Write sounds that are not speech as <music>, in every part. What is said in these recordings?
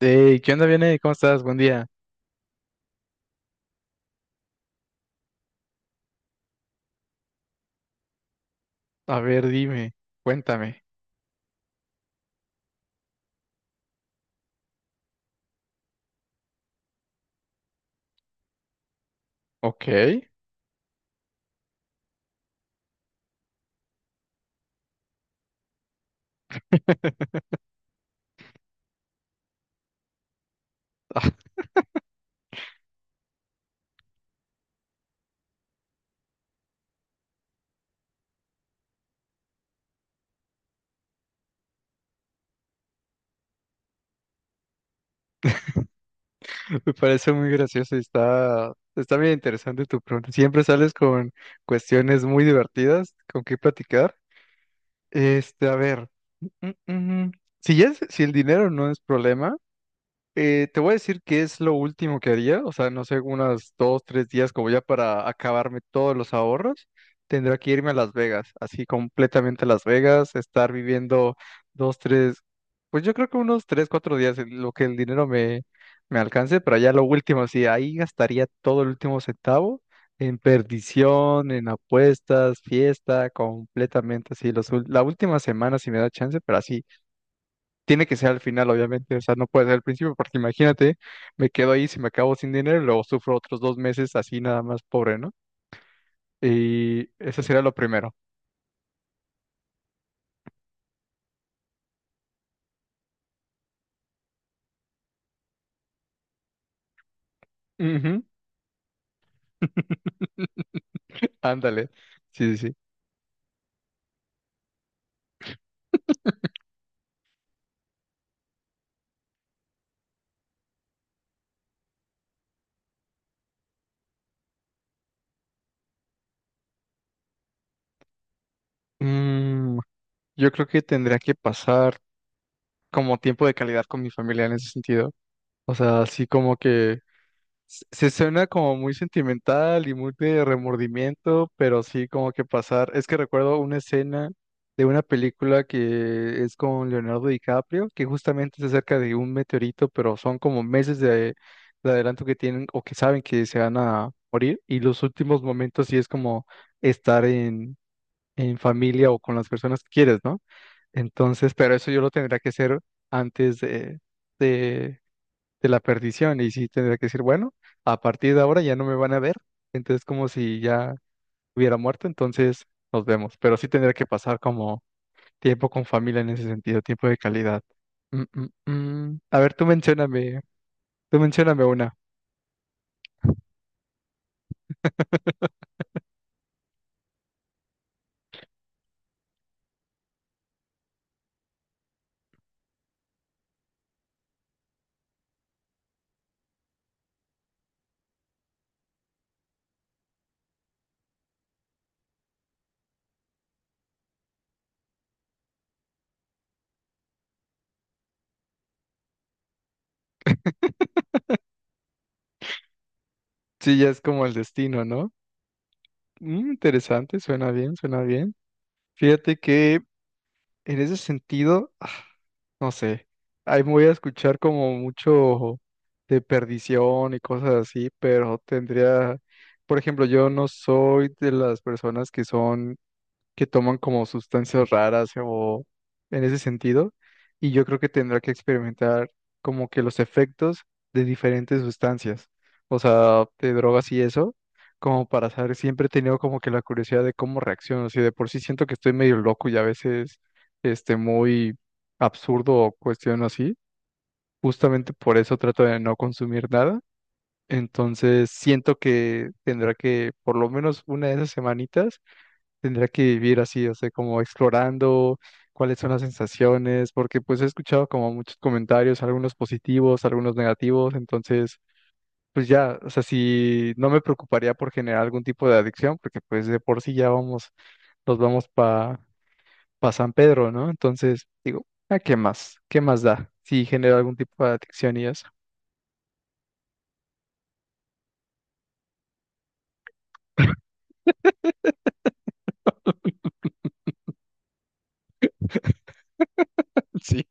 Hey, ¿qué onda, Vianey? ¿Cómo estás? Buen día. A ver, dime, cuéntame. Ok. <laughs> Me parece muy gracioso y está bien interesante tu pregunta. Siempre sales con cuestiones muy divertidas con qué platicar. A ver. mm, mm, mm. mm. Si, si el dinero no es problema. Te voy a decir que es lo último que haría, o sea, no sé, unas dos, tres días como ya para acabarme todos los ahorros, tendría que irme a Las Vegas, así completamente a Las Vegas, estar viviendo dos, tres, pues yo creo que unos tres, cuatro días en lo que el me alcance, pero ya lo último, sí, ahí gastaría todo el último centavo en perdición, en apuestas, fiesta, completamente así, la última semana si me da chance, pero así tiene que ser al final, obviamente, o sea, no puede ser al principio, porque imagínate, me quedo ahí, si me acabo sin dinero, y luego sufro otros dos meses así nada más pobre, ¿no? Y eso sería lo primero. Ujú. <laughs> Ándale, sí, sí, sí. Mm, yo creo que tendría que pasar como tiempo de calidad con mi familia en ese sentido. O sea, así como que se suena como muy sentimental y muy de remordimiento, pero sí como que pasar. Es que recuerdo una escena de una película que es con Leonardo DiCaprio, que justamente es acerca de un meteorito, pero son como meses de adelanto que tienen o que saben que se van a morir. Y los últimos momentos sí es como estar en familia o con las personas que quieres, ¿no? Entonces, pero eso yo lo tendría que hacer antes de de la perdición y sí tendría que decir, bueno, a partir de ahora ya no me van a ver, entonces como si ya hubiera muerto, entonces nos vemos, pero sí tendría que pasar como tiempo con familia en ese sentido, tiempo de calidad. Mm, mm, mm. A ver, tú mencióname una. Sí, ya es como el destino, ¿no? Interesante, suena bien, suena bien. Fíjate que En ese sentido, no sé, ahí me voy a escuchar como mucho de perdición y cosas así, pero tendría, por ejemplo, yo no soy de las personas que toman como sustancias raras o en ese sentido, y yo creo que tendrá que experimentar como que los efectos de diferentes sustancias, o sea, de drogas y eso, como para saber, siempre he tenido como que la curiosidad de cómo reacciono, si de por sí siento que estoy medio loco y a veces muy absurdo o cuestión así, justamente por eso trato de no consumir nada. Entonces siento que tendrá que por lo menos una de esas semanitas tendría que vivir así, o sea, como explorando cuáles son las sensaciones, porque pues he escuchado como muchos comentarios, algunos positivos, algunos negativos, entonces pues ya, o sea, si no me preocuparía por generar algún tipo de adicción, porque pues de por sí ya vamos, nos vamos para pa San Pedro, ¿no? Entonces digo, ¿a qué más? ¿Qué más da si genera algún tipo de adicción y eso? <laughs> Sí.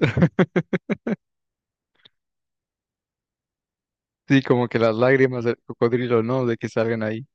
<laughs> Sí, como que las lágrimas del cocodrilo, ¿no? De que salgan ahí.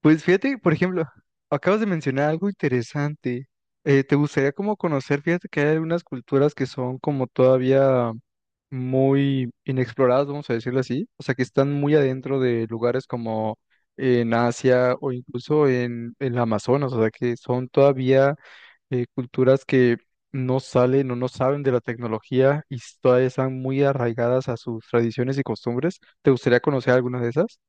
Pues fíjate, por ejemplo, acabas de mencionar algo interesante. ¿Te gustaría como conocer? Fíjate que hay algunas culturas que son como todavía muy inexploradas, vamos a decirlo así. O sea, que están muy adentro de lugares como en Asia o incluso en el Amazonas. O sea, que son todavía culturas que no salen o no saben de la tecnología y todavía están muy arraigadas a sus tradiciones y costumbres. ¿Te gustaría conocer alguna de esas?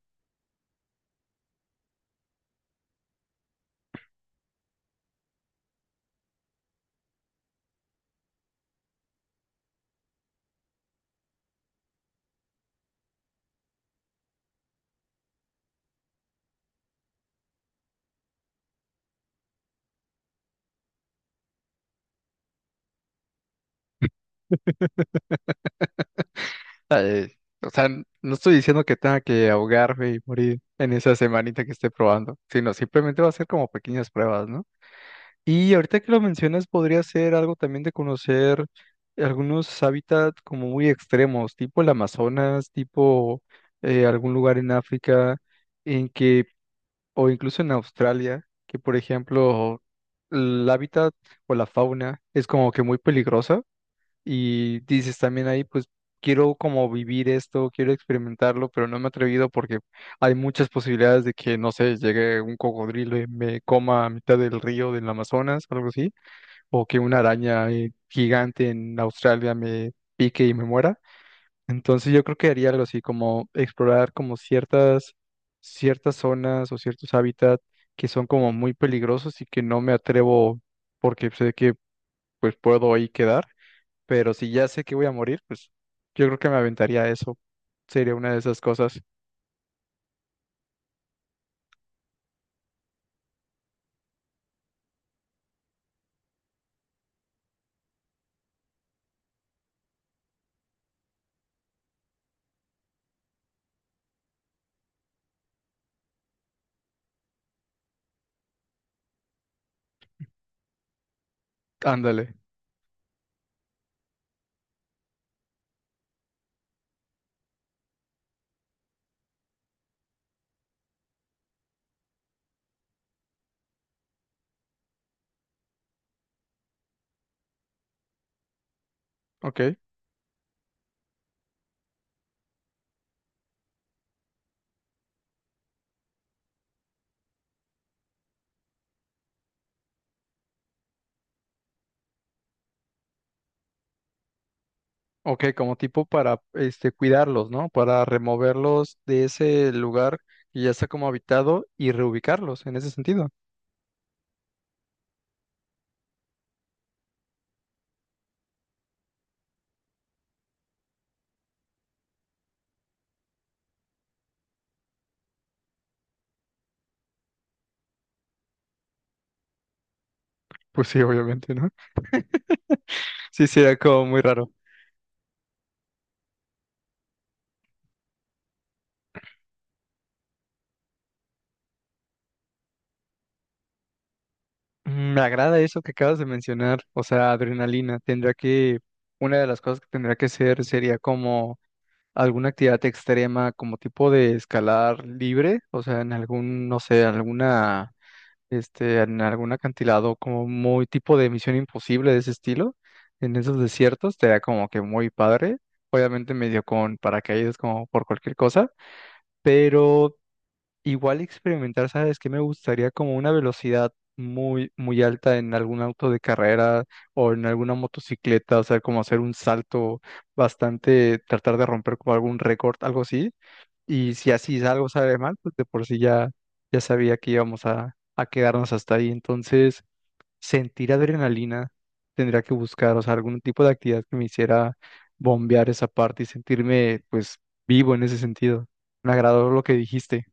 Ah, Eh, o sea, no estoy diciendo que tenga que ahogarme y morir en esa semanita que esté probando, sino simplemente va a ser como pequeñas pruebas, ¿no? Y ahorita que lo mencionas, podría ser algo también de conocer algunos hábitats como muy extremos, tipo el Amazonas, tipo algún lugar en África, en que, o incluso en Australia, que por ejemplo, el hábitat o la fauna es como que muy peligrosa y dices también ahí, pues quiero como vivir esto, quiero experimentarlo, pero no me he atrevido porque hay muchas posibilidades de que, no sé, llegue un cocodrilo y me coma a mitad del río del Amazonas, algo así, o que una araña gigante en Australia me pique y me muera. Entonces yo creo que haría algo así, como explorar como ciertas zonas o ciertos hábitats que son como muy peligrosos y que no me atrevo porque sé que pues puedo ahí quedar, pero si ya sé que voy a morir, pues yo creo que me aventaría eso. Sería una de esas cosas. Ándale, ok. Ok, como tipo para este cuidarlos, ¿no? Para removerlos de ese lugar que ya está como habitado y reubicarlos en ese sentido. Pues sí, obviamente, ¿no? Sí, sería como muy raro. Me agrada eso que acabas de mencionar, o sea, adrenalina. Una de las cosas que tendría que ser sería como alguna actividad extrema como tipo de escalar libre, o sea, en algún, no sé, en algún acantilado como muy tipo de Misión Imposible de ese estilo, en esos desiertos, te da como que muy padre. Obviamente medio con paracaídas como por cualquier cosa, pero igual experimentar, ¿sabes qué? Me gustaría como una velocidad muy, muy alta en algún auto de carrera o en alguna motocicleta, o sea, como hacer un salto bastante, tratar de romper como algún récord, algo así. Y si así algo sale mal, pues de por sí ya, ya sabía que íbamos a quedarnos hasta ahí. Entonces, sentir adrenalina tendría que buscar, o sea, algún tipo de actividad que me hiciera bombear esa parte y sentirme, pues, vivo en ese sentido. Me agradó lo que dijiste.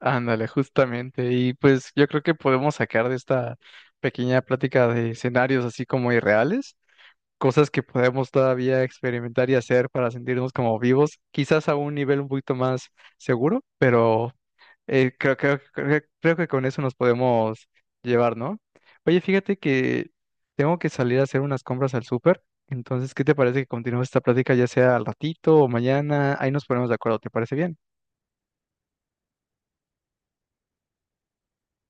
Ándale, justamente. Y pues yo creo que podemos sacar de esta pequeña plática de escenarios así como irreales, cosas que podemos todavía experimentar y hacer para sentirnos como vivos, quizás a un nivel un poquito más seguro, pero creo que con eso nos podemos llevar, ¿no? Oye, fíjate que tengo que salir a hacer unas compras al súper, entonces, ¿qué te parece que continuemos esta plática ya sea al ratito o mañana? Ahí nos ponemos de acuerdo, ¿te parece bien?